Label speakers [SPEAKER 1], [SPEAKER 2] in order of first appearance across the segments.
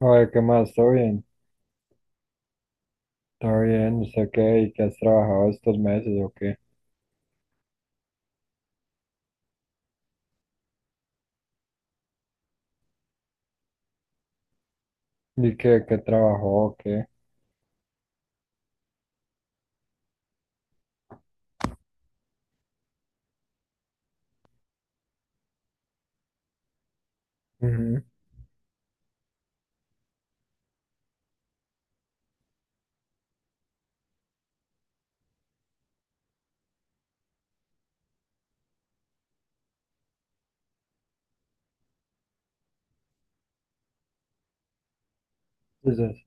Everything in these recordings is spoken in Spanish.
[SPEAKER 1] Oye, ¿qué más? ¿Todo bien? ¿Todo bien? ¿Usted qué? ¿Y qué has trabajado estos meses o qué? ¿Y qué trabajó o qué? Ujú. Entonces,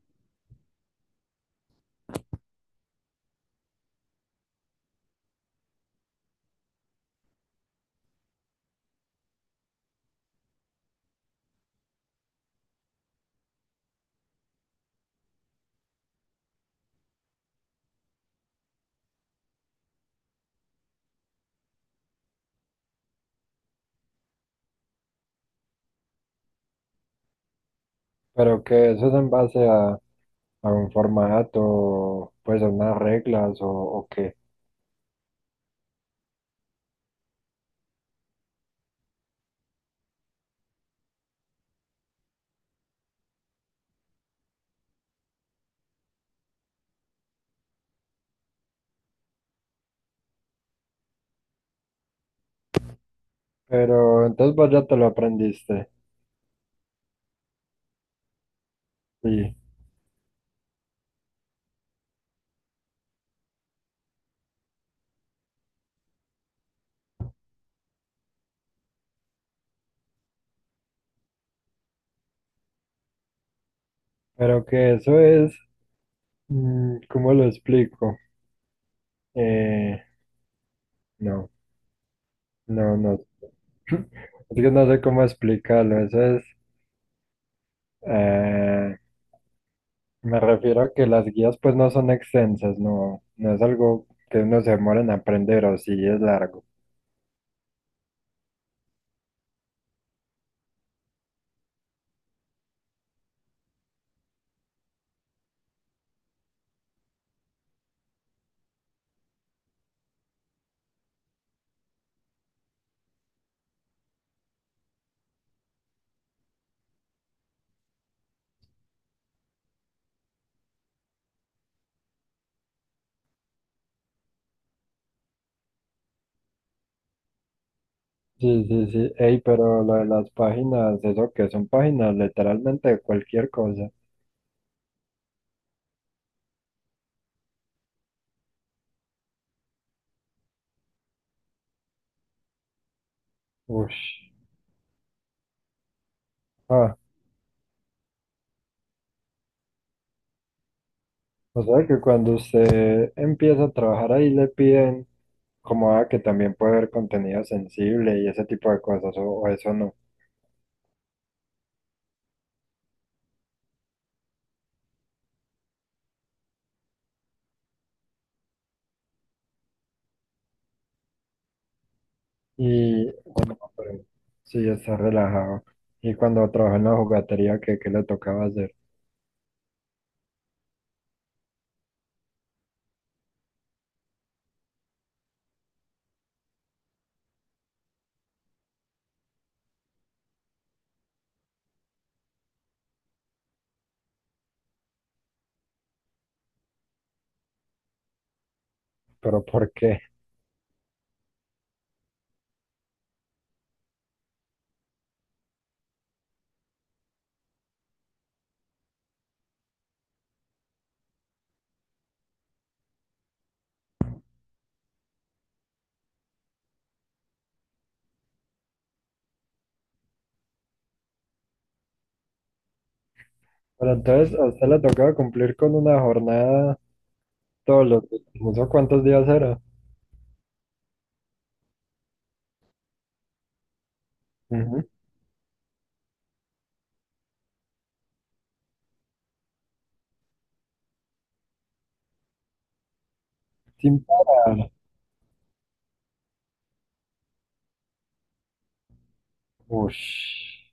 [SPEAKER 1] ¿pero qué? ¿Eso es en base a un formato, pues a unas reglas o qué? Pero entonces vos ya te lo aprendiste. Sí. Pero que eso es, ¿cómo lo explico? Eh, no, no, no. Es que no sé cómo explicarlo. Eso es. eh, Me refiero a que las guías pues no son extensas, no, no es algo que uno se demore en aprender o si es largo. Sí, sí, sí. Ey, pero lo de las páginas, eso que son páginas literalmente de cualquier cosa. Ush. Ah, o sea que cuando usted empieza a trabajar ahí le piden como que también puede haber contenido sensible y ese tipo de cosas, o eso no. Y bueno, pero sí, está relajado. Y cuando trabaja en la jugatería, ¿qué le tocaba hacer? ¿Pero por qué? Pero entonces a usted le tocaba cumplir con una jornada todos los días. No sé cuántos días era. Ujú. Sin parar. Ush.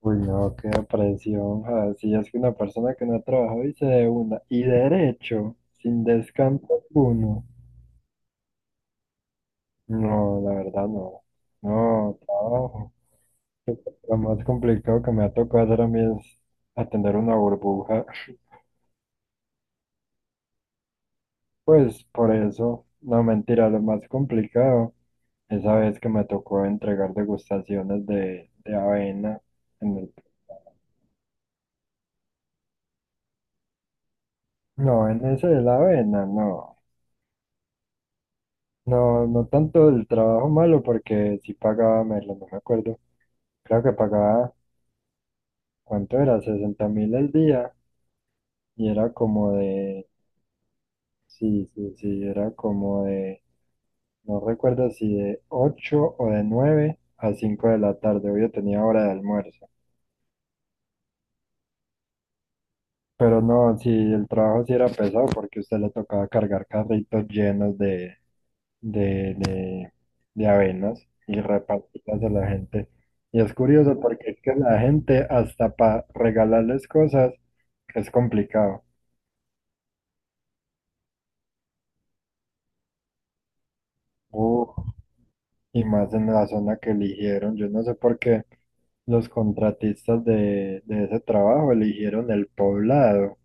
[SPEAKER 1] Uy, no, qué presión. Ah, si es que una persona que no ha trabajado y se de una. Y derecho, sin descanso alguno. No, la verdad no. No, trabajo. Lo más complicado que me ha tocado hacer a mí es atender una burbuja. Pues por eso, no mentira, lo más complicado. Esa vez que me tocó entregar degustaciones de avena en el. No, en ese de la avena, no. No, no tanto el trabajo malo porque sí pagaba menos, no me acuerdo. Creo que pagaba, ¿cuánto era? 60,000 al día y era como de, sí, sí, sí, era como de, no recuerdo si de 8 o de 9 a 5 de la tarde. Hoy yo tenía hora de almuerzo. Pero no, si el trabajo sí era pesado porque a usted le tocaba cargar carritos llenos de, de, de avenas y repartirlas a la gente. Y es curioso porque es que la gente hasta para regalarles cosas es complicado. Uh, y más en la zona que eligieron. Yo no sé por qué los contratistas de ese trabajo eligieron el Poblado.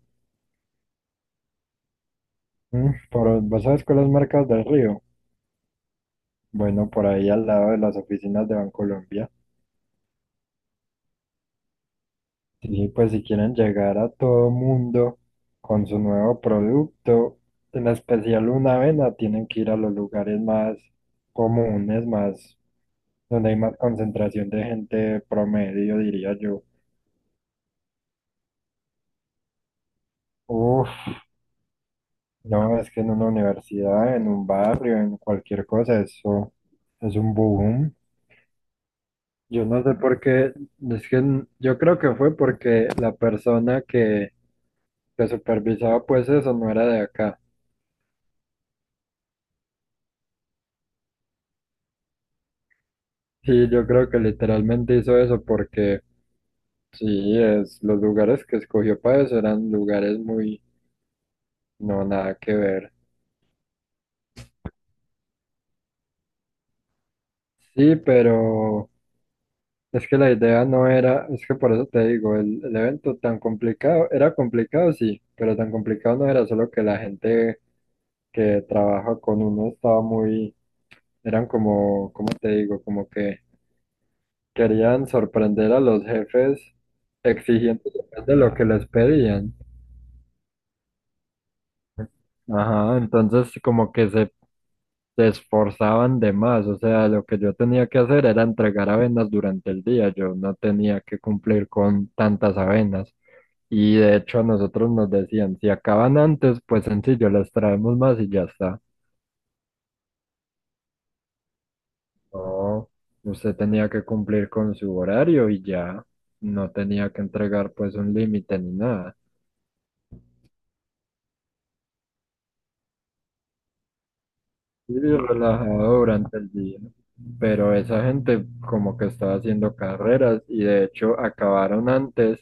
[SPEAKER 1] ¿Vos sabes cuáles marcas del río? Bueno, por ahí al lado de las oficinas de Bancolombia. Sí, pues si quieren llegar a todo mundo con su nuevo producto, en especial una avena, tienen que ir a los lugares más comunes, más donde hay más concentración de gente promedio, diría yo. Uf, no, es que en una universidad, en un barrio, en cualquier cosa, eso es un boom. Yo no sé por qué, es que yo creo que fue porque la persona que supervisaba pues eso, no era de acá. Sí, yo creo que literalmente hizo eso porque sí, es, los lugares que escogió para eso eran lugares muy, no, nada que ver. Sí, pero es que la idea no era, es que por eso te digo, el evento tan complicado, era complicado sí, pero tan complicado no era, solo que la gente que trabaja con uno estaba muy, eran como, ¿cómo te digo? Como que querían sorprender a los jefes exigiendo de lo que les pedían. Ajá, entonces como que se esforzaban de más, o sea, lo que yo tenía que hacer era entregar avenas durante el día, yo no tenía que cumplir con tantas avenas. Y de hecho a nosotros nos decían, si acaban antes, pues sencillo, les traemos más y ya está. No, usted tenía que cumplir con su horario y ya no tenía que entregar pues un límite ni nada. Sí, relajado durante el día, ¿no? Pero esa gente como que estaba haciendo carreras y de hecho acabaron antes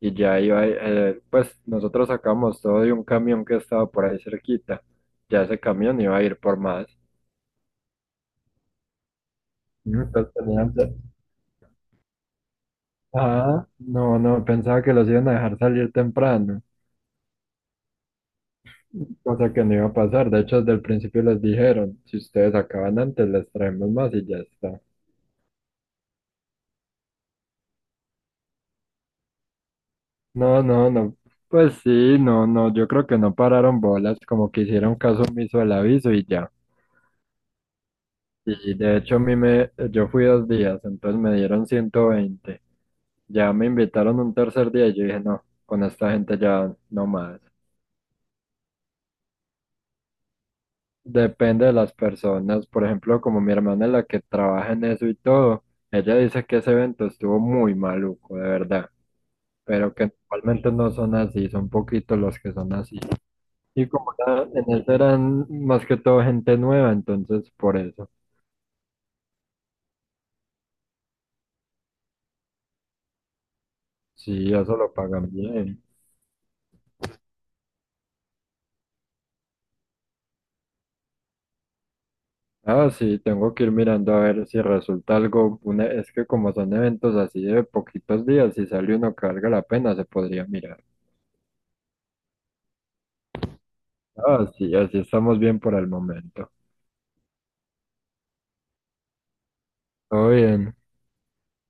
[SPEAKER 1] y ya iba, pues nosotros sacamos todo de un camión que estaba por ahí cerquita, ya ese camión iba a ir por más. Mm. Entonces tenían que- Ah, no, no, pensaba que los iban a dejar salir temprano, cosa que no iba a pasar, de hecho desde el principio les dijeron, si ustedes acaban antes les traemos más y ya está. No, no, no. Pues sí, no, no. Yo creo que no pararon bolas, como que hicieron caso omiso al aviso y ya. Y de hecho yo fui 2 días, entonces me dieron 120. Ya me invitaron un tercer día y yo dije, no, con esta gente ya no más. Depende de las personas. Por ejemplo, como mi hermana es la que trabaja en eso y todo, ella dice que ese evento estuvo muy maluco, de verdad. Pero que normalmente no son así, son poquitos los que son así. Y como en eso eran más que todo gente nueva, entonces por eso. Sí, eso lo pagan bien. Ah, sí, tengo que ir mirando a ver si resulta algo. Es que como son eventos así de poquitos días, si sale uno que valga la pena, se podría mirar. Ah, sí, así estamos bien por el momento. Todo bien.